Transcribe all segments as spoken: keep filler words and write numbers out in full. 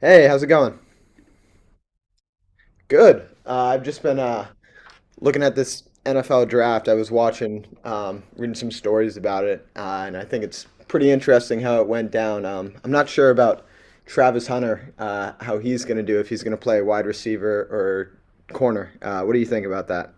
Hey, how's it going? Good. Uh, I've just been uh, looking at this N F L draft. I was watching, um, reading some stories about it, uh, and I think it's pretty interesting how it went down. Um, I'm not sure about Travis Hunter, uh, how he's going to do, if he's going to play wide receiver or corner. Uh, what do you think about that?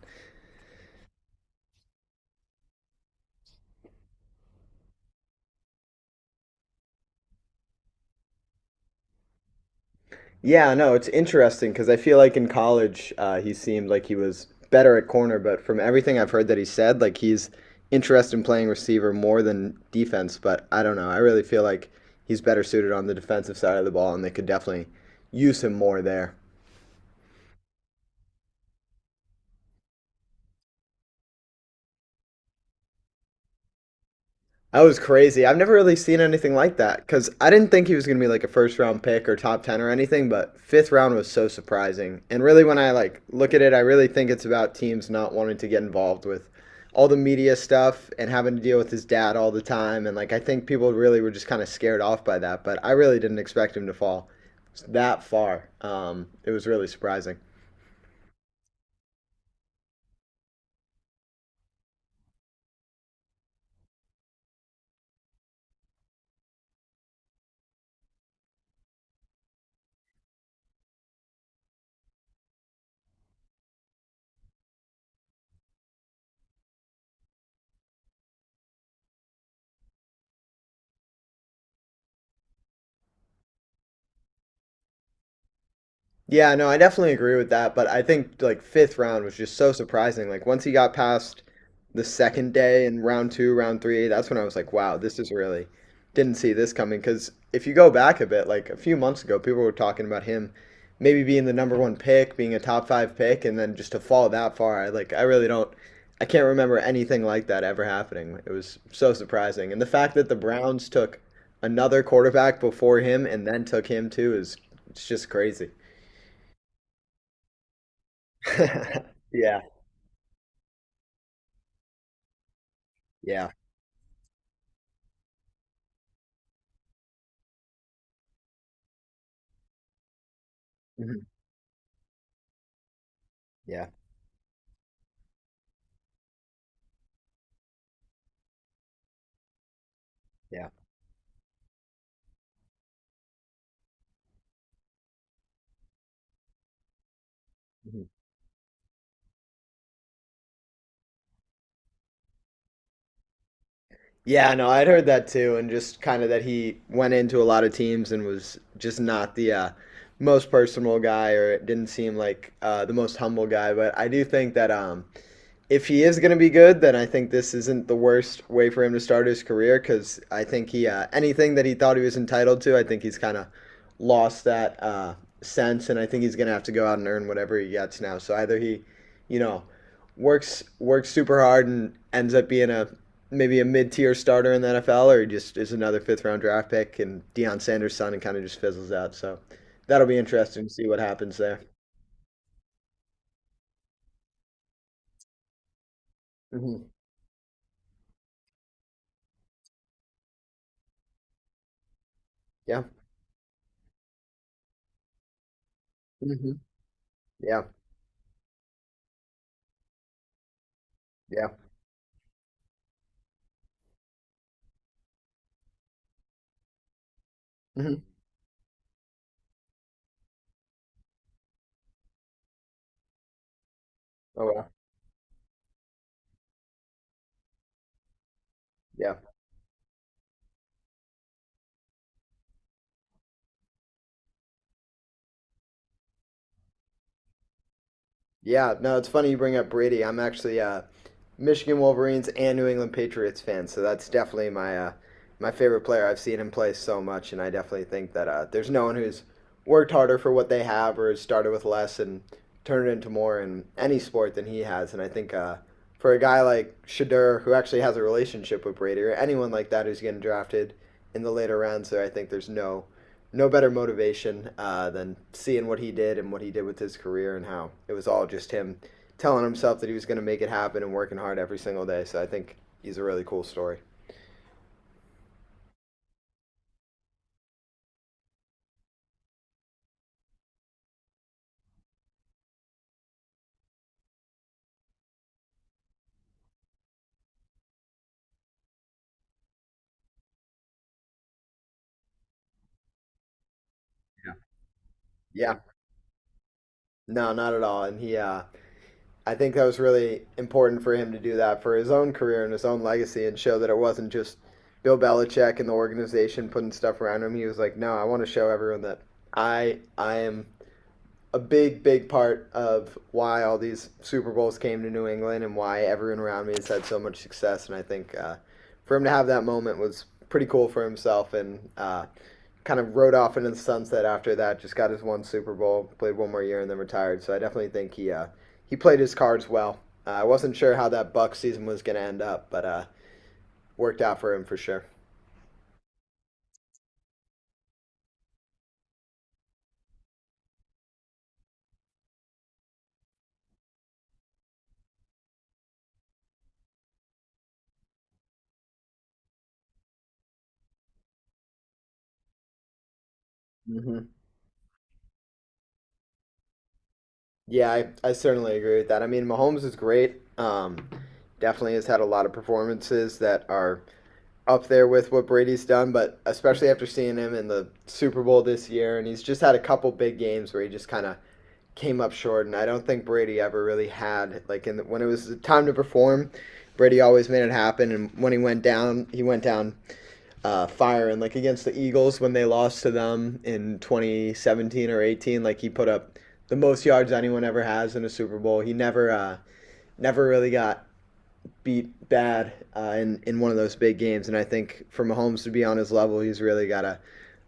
Yeah, no, it's interesting because I feel like in college, uh, he seemed like he was better at corner, but from everything I've heard that he said, like he's interested in playing receiver more than defense. But I don't know. I really feel like he's better suited on the defensive side of the ball, and they could definitely use him more there. That was crazy. I've never really seen anything like that because I didn't think he was going to be like a first round pick or top ten or anything, but fifth round was so surprising. And really, when I like look at it, I really think it's about teams not wanting to get involved with all the media stuff and having to deal with his dad all the time. And like, I think people really were just kind of scared off by that, but I really didn't expect him to fall that far. Um, it was really surprising. Yeah, no, I definitely agree with that, but I think like fifth round was just so surprising. Like once he got past the second day in round two, round three, that's when I was like, wow, this is really didn't see this coming. Because if you go back a bit, like a few months ago, people were talking about him maybe being the number one pick, being a top five pick, and then just to fall that far, I like I really don't, I can't remember anything like that ever happening. It was so surprising, and the fact that the Browns took another quarterback before him and then took him too is it's just crazy. Yeah, yeah, mhm, yeah, yeah, mhm. Yeah, no, I'd heard that too, and just kind of that he went into a lot of teams and was just not the uh, most personal guy, or it didn't seem like uh, the most humble guy. But I do think that um, if he is going to be good, then I think this isn't the worst way for him to start his career because I think he uh, anything that he thought he was entitled to, I think he's kind of lost that uh, sense, and I think he's going to have to go out and earn whatever he gets now. So either he, you know works works super hard and ends up being a maybe a mid tier starter in the N F L, or just is another fifth round draft pick and Deion Sanders' son and kind of just fizzles out. So that'll be interesting to see what happens there. Hmm. Yeah. Hmm. Yeah. Yeah. Hmm. Oh wow. Yeah. Yeah, no, it's funny you bring up Brady. I'm actually uh, Michigan Wolverines and New England Patriots fan, so that's definitely my uh, my favorite player. I've seen him play so much, and I definitely think that uh, there's no one who's worked harder for what they have or has started with less and turned it into more in any sport than he has. And I think uh, for a guy like Shadur, who actually has a relationship with Brady, or anyone like that who's getting drafted in the later rounds, there, I think there's no no better motivation uh, than seeing what he did and what he did with his career and how it was all just him telling himself that he was going to make it happen and working hard every single day. So I think he's a really cool story. Yeah, no, not at all. And he, uh, I think that was really important for him to do that for his own career and his own legacy and show that it wasn't just Bill Belichick and the organization putting stuff around him. He was like, no, I want to show everyone that I, I am a big, big part of why all these Super Bowls came to New England and why everyone around me has had so much success. And I think uh, for him to have that moment was pretty cool for himself and uh, kind of rode off into the sunset after that. Just got his one Super Bowl, played one more year, and then retired. So I definitely think he uh, he played his cards well. Uh, I wasn't sure how that Buck season was going to end up, but uh, worked out for him for sure. Mm-hmm. Yeah, I, I certainly agree with that. I mean, Mahomes is great. Um, definitely has had a lot of performances that are up there with what Brady's done, but especially after seeing him in the Super Bowl this year, and he's just had a couple big games where he just kind of came up short. And I don't think Brady ever really had like in the, when it was time to perform, Brady always made it happen. And when he went down, he went down uh, fire and like against the Eagles when they lost to them in twenty seventeen or eighteen, like he put up the most yards anyone ever has in a Super Bowl. He never uh, never really got beat bad uh, in in one of those big games. And I think for Mahomes to be on his level, he's really got to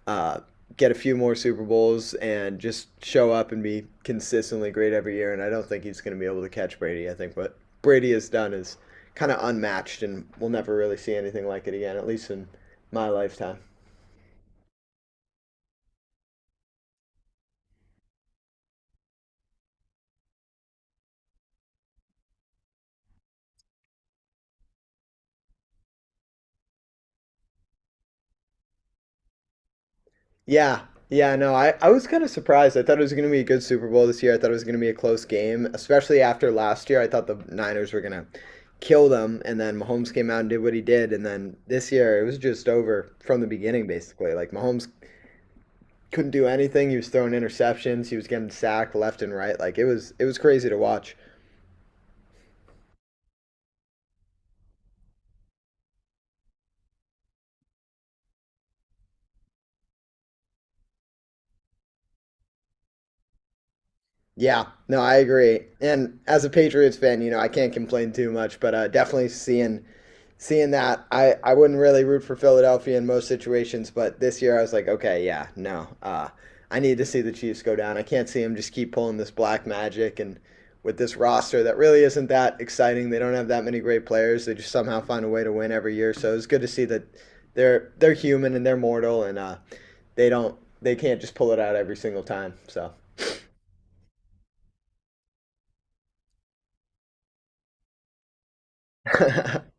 uh, get a few more Super Bowls and just show up and be consistently great every year. And I don't think he's going to be able to catch Brady. I think what Brady has done is kind of unmatched, and we'll never really see anything like it again, at least in my lifetime. Yeah. Yeah, no, I, I was kind of surprised. I thought it was going to be a good Super Bowl this year. I thought it was going to be a close game, especially after last year. I thought the Niners were going to kill them, and then Mahomes came out and did what he did. And then this year, it was just over from the beginning, basically. Like Mahomes couldn't do anything. He was throwing interceptions. He was getting sacked left and right. Like it was it was crazy to watch. Yeah, no, I agree. And as a Patriots fan, you know, I can't complain too much, but uh, definitely seeing seeing that, I, I wouldn't really root for Philadelphia in most situations, but this year I was like, okay, yeah, no, uh, I need to see the Chiefs go down. I can't see them just keep pulling this black magic and with this roster that really isn't that exciting. They don't have that many great players. They just somehow find a way to win every year. So it's good to see that they're they're human and they're mortal and uh, they don't they can't just pull it out every single time. So.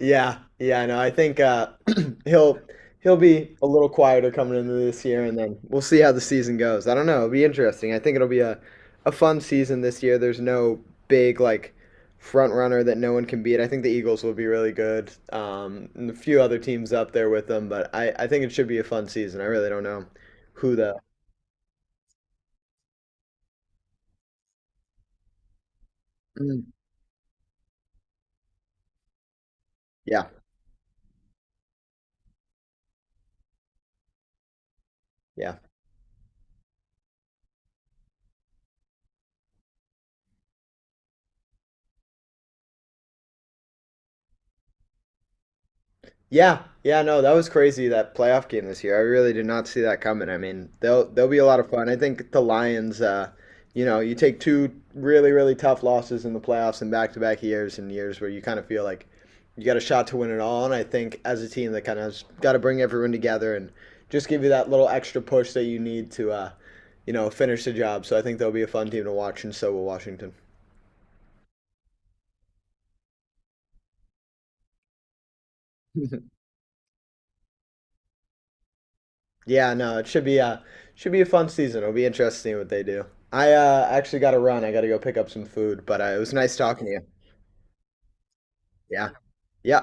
Yeah, yeah, no, I think uh, he'll he'll be a little quieter coming into this year, and then we'll see how the season goes. I don't know; it'll be interesting. I think it'll be a a fun season this year. There's no big like front runner that no one can beat. I think the Eagles will be really good, um, and a few other teams up there with them, but I I think it should be a fun season. I really don't know who the Mm. Yeah, yeah. Yeah, yeah, no, that was crazy that playoff game this year. I really did not see that coming. I mean, they'll they'll be a lot of fun. I think the Lions, uh, you know, you take two really really tough losses in the playoffs in back to back years and years where you kind of feel like you got a shot to win it all. And I think as a team, they kind of got to bring everyone together and just give you that little extra push that you need to, uh, you know, finish the job. So I think they'll be a fun team to watch, and so will Washington. Yeah, no, it should be uh should be a fun season. It'll be interesting what they do. I uh actually got to run. I got to go pick up some food, but uh, it was nice talking to you. Yeah. Yeah.